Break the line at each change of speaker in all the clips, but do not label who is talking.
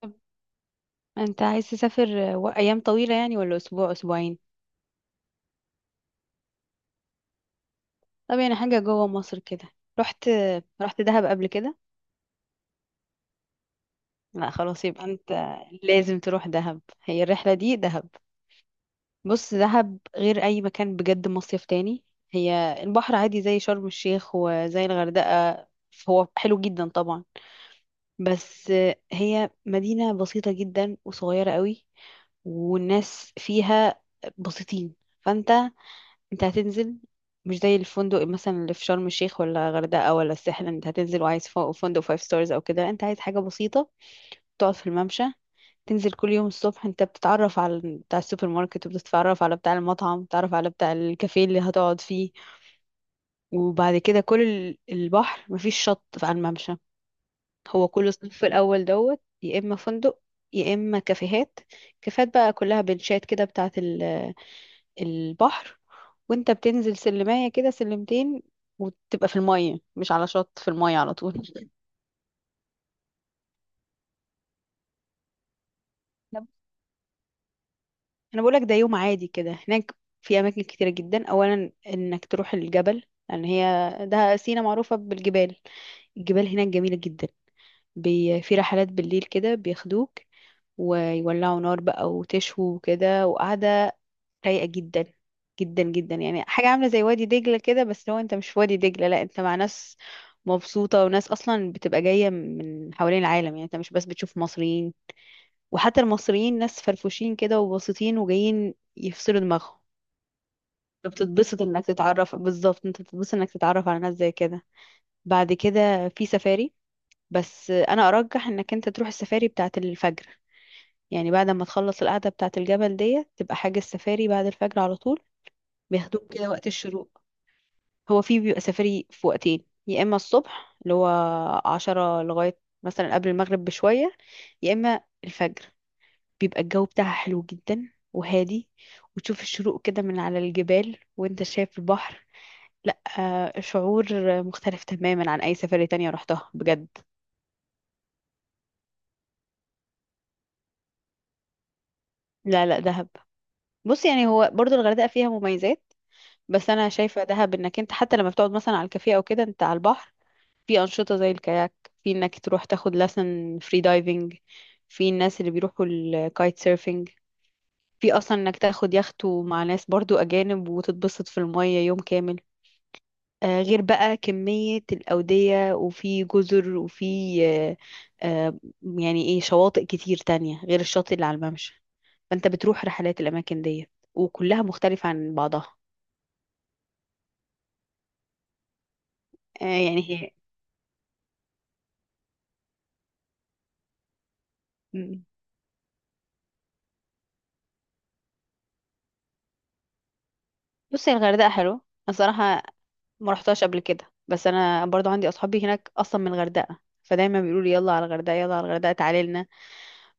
طب، انت عايز تسافر ايام طويلة يعني ولا اسبوع اسبوعين؟ طب، يعني حاجة جوه مصر كده. رحت رحت دهب قبل كده؟ لا، خلاص يبقى انت لازم تروح دهب، هي الرحلة دي دهب. بص، دهب غير اي مكان، بجد مصيف تاني. هي البحر عادي زي شرم الشيخ وزي الغردقة، هو حلو جدا طبعا. بس هي مدينة بسيطة جدا وصغيرة قوي، والناس فيها بسيطين. فانت هتنزل. مش زي الفندق مثلا اللي في شرم الشيخ ولا غردقة ولا الساحل، انت هتنزل وعايز فندق فايف ستارز او كده، انت عايز حاجة بسيطة. تقعد في الممشى. تنزل كل يوم الصبح، انت بتتعرف على بتاع السوبر ماركت، وبتتعرف على بتاع المطعم، بتتعرف على بتاع الكافيه اللي هتقعد فيه. وبعد كده كل البحر، مفيش شط على الممشى. هو كل الصف الاول دوت، يا اما فندق، يا اما كافيهات. كافيهات بقى كلها بنشات كده بتاعة البحر. وانت بتنزل سلمايه كده سلمتين، وتبقى في الميه مش على شط، في الميه على طول. انا أنا بقولك، ده يوم عادي كده هناك. في اماكن كتيره جدا، اولا انك تروح الجبل. لان ده سينا معروفه بالجبال. الجبال هناك جميله جدا. في رحلات بالليل كده بياخدوك، ويولعوا نار بقى وتشوي وكده، وقعدة رايقة جدا، جدا جدا، يعني حاجة عاملة زي وادي دجلة كده، بس لو انت مش في وادي دجلة، لا انت مع ناس مبسوطة. وناس اصلا بتبقى جاية من حوالين العالم، يعني انت مش بس بتشوف مصريين. وحتى المصريين ناس فرفوشين كده وبسيطين وجايين يفصلوا دماغهم. بتتبسط انك تتعرف بالظبط انت بتتبسط انك تتعرف على ناس زي كده. بعد كده في سفاري. بس انا ارجح انك انت تروح السفاري بتاعة الفجر. يعني بعد ما تخلص القعدة بتاعة الجبل ديت، تبقى حاجة السفاري بعد الفجر على طول. بياخدوك كده وقت الشروق. هو في بيبقى سفري في وقتين، يا اما الصبح اللي هو 10 لغاية مثلا قبل المغرب بشوية، يا اما الفجر. بيبقى الجو بتاعها حلو جدا وهادي. وتشوف الشروق كده من على الجبال وانت شايف البحر. لا، شعور مختلف تماما عن اي سفرية تانية رحتها بجد. لا، لا، دهب. بص، يعني هو برضو الغردقة فيها مميزات. بس انا شايفة دهب، انك انت حتى لما بتقعد مثلا على الكافيه او كده انت على البحر. في أنشطة زي الكاياك. في إنك تروح تاخد لسن فري دايفنج. في الناس اللي بيروحوا الكايت سيرفينج. في أصلا إنك تاخد يخته مع ناس برضو أجانب، وتتبسط في المية يوم كامل. غير بقى كمية الأودية، وفي جزر، وفي آه، آه، يعني إيه شواطئ كتير تانية غير الشاطئ اللي على الممشى. فأنت بتروح رحلات الأماكن دي، وكلها مختلفة عن بعضها. آه، يعني هي م- بصي، الغردقة حلوة الصراحة، ما رحتهاش قبل كده. بس انا برضو عندي اصحابي هناك اصلا من الغردقه، فدايما بيقولوا لي يلا على الغردقه، يلا على الغردقه، تعالي لنا.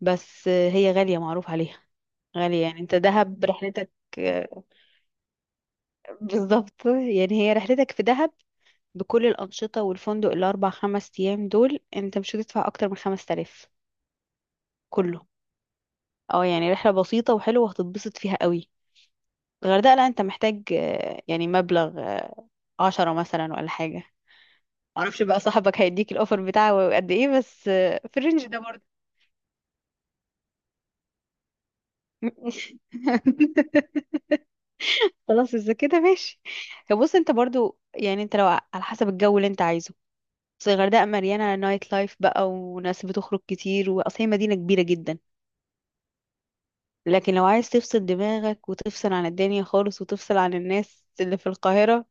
بس هي غاليه معروف عليها. غاليه، يعني انت دهب رحلتك. بالظبط، يعني هي رحلتك في دهب. بكل الانشطه والفندق، الاربع خمس ايام دول انت مش هتدفع اكتر من 5000. كله. اه، يعني رحله بسيطه وحلوه وهتتبسط فيها قوي. الغردقه، لا انت محتاج يعني مبلغ 10 مثلا ولا حاجه. معرفش بقى صاحبك هيديك الاوفر بتاعه قد ايه، بس في الرينج ده برضه. خلاص، اذا كده ماشي. بص، انت برضو يعني انت لو على حسب الجو اللي انت عايزه. بس الغردقه مليانه نايت لايف بقى، وناس بتخرج كتير، واصل هي مدينه كبيره جدا. لكن لو عايز تفصل دماغك وتفصل عن الدنيا خالص وتفصل عن الناس اللي في القاهره.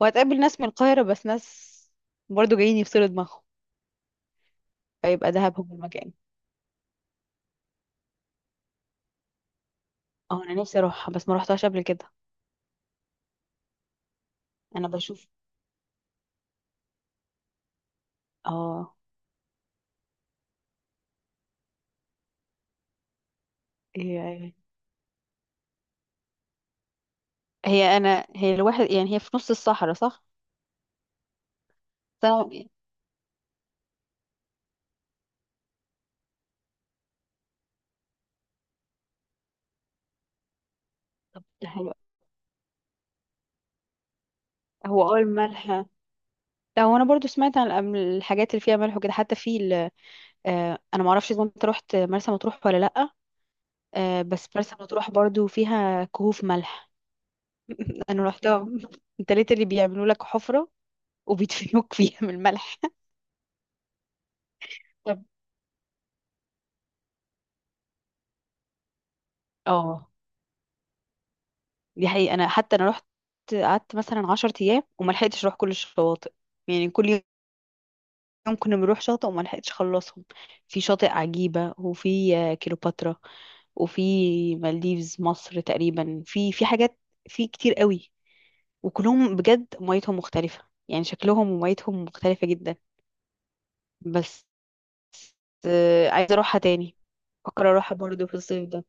وهتقابل ناس من القاهره، بس ناس برضو جايين يفصلوا دماغهم. فيبقى دهب هو المكان. اه، انا نفسي اروحها بس ما روحتهاش قبل كده. انا بشوف. اه، ايوه، ايوه. هي الواحد، يعني هي في نص الصحراء، صح؟ بس أنا- طب، ده حلو. هو اول ملح. لا، هو انا برضو سمعت عن الحاجات اللي فيها ملح وكده، حتى في انا ما اعرفش اذا انت رحت مرسى مطروح ولا لا. بس مرسى مطروح برضو فيها كهوف ملح. انا رحتها انت ليه، اللي بيعملوا لك حفرة وبيدفنوك فيها من الملح. طب، اه. دي حقيقة، انا حتى انا رحت. قعدت مثلا 10 ايام، وما لحقتش اروح كل الشواطئ. يعني كل يوم كنا بنروح شاطئ، وما لحقتش اخلصهم. في شاطئ عجيبة، وفي كليوباترا، وفي مالديفز مصر تقريبا، في حاجات، في كتير قوي. وكلهم بجد ميتهم مختلفة، يعني شكلهم وميتهم مختلفة جدا. بس. عايزة اروحها تاني. بفكر اروحها برضو في الصيف ده.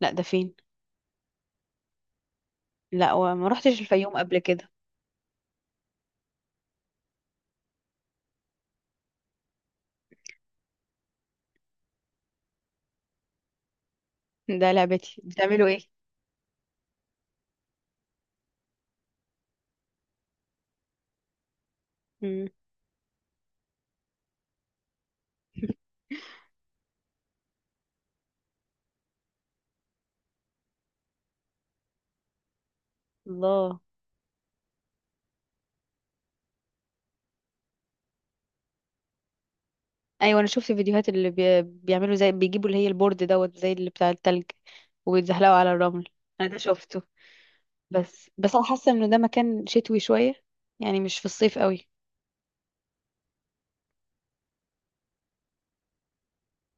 لا، ده فين؟ لا، وما روحتش الفيوم قبل كده. ده لعبتي، بتعملوا ايه؟ مم. الله. ايوه، انا شفت فيديوهات اللي بيعملوا زي بيجيبوا اللي هي البورد دوت زي اللي بتاع التلج. وبيتزحلقوا على الرمل. انا ده شفته. بس انا حاسه انه ده مكان شتوي شويه. يعني مش في الصيف قوي.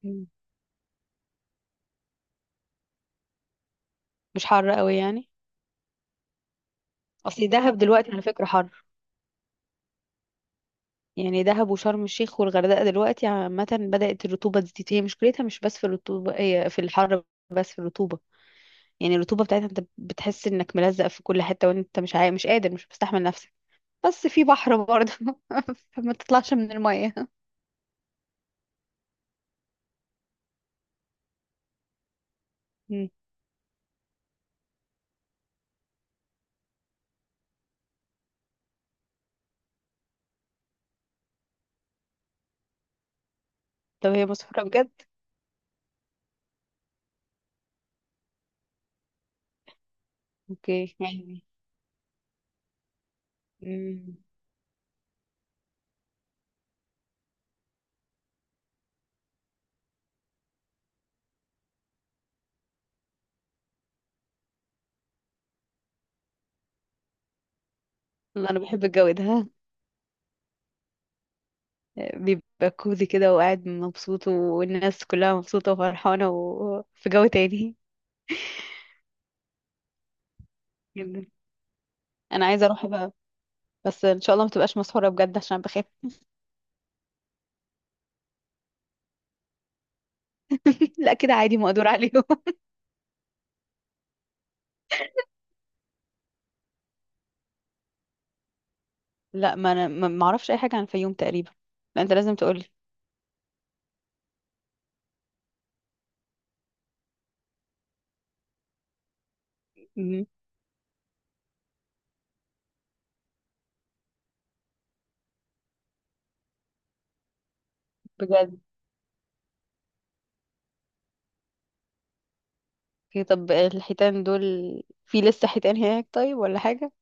مم. مش حر قوي يعني؟ اصل دهب دلوقتي على فكره حر. يعني دهب وشرم الشيخ والغردقه دلوقتي عامه بدات الرطوبه تزيد، هي مشكلتها مش بس في الرطوبه، هي في الحر. بس في الرطوبه. يعني الرطوبه بتاعتها، انت بتحس انك ملزق في كل حته، وانت مش قادر، مش مستحمل. بس في بحر برضه فما تطلعش من المية. مم. طب، هي مسافرة بجد؟ اوكي، يعني. مم. انا بحب الجو ده. بيبقى كوزي كده وقاعد مبسوط، والناس كلها مبسوطة وفرحانة، وفي جو تاني. جدا. انا عايزة اروح بقى. بس ان شاء الله ما تبقاش مسافرة بجد عشان بخاف. لا، كده عادي مقدور عليهم لا، ما انا ما اعرفش اي حاجة عن الفيوم تقريبا. لا، انت لازم تقولي. مم. بجد؟ اوكي، طب الحيتان دول. في لسه حيتان هناك طيب، ولا حاجة؟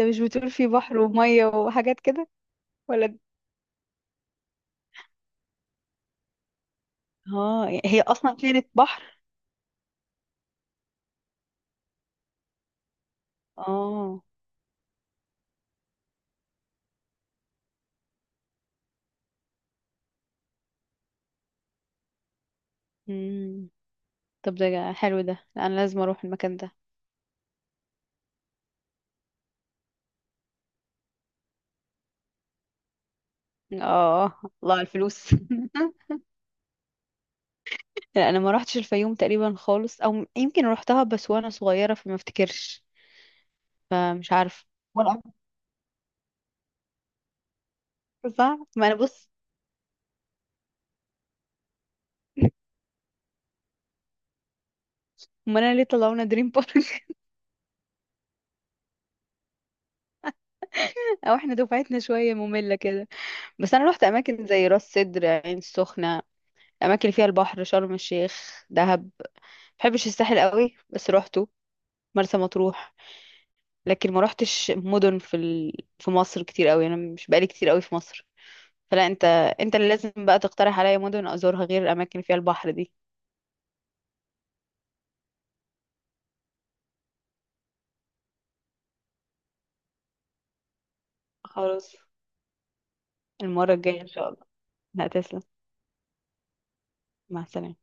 انت مش بتقول في بحر ومية وحاجات كده؟ ولا. اه، يعني هي اصلا كانت بحر. اه. امم. طب، ده حلو ده، لا، انا لازم اروح المكان ده. اه، الله على الفلوس لا، انا ما روحتش الفيوم تقريبا خالص، او يمكن روحتها بس وانا صغيره فما افتكرش. فمش عارفه. ولا أعرف. صح، ما انا بص. ما انا ليه طلعونا دريم بارك؟ او احنا دفعتنا شويه ممله كده. بس انا روحت اماكن زي راس سدر، عين السخنه. الاماكن اللي فيها البحر، شرم الشيخ، دهب. بحبش الساحل قوي بس روحته. مرسى مطروح. لكن ما روحتش مدن في في مصر كتير قوي، انا مش بقالي كتير قوي في مصر. فلا انت. انت اللي لازم بقى تقترح عليا مدن ازورها غير الاماكن اللي فيها البحر دي. خلاص. المرة الجاية ان شاء الله. لا، تسلم. مع السلامة.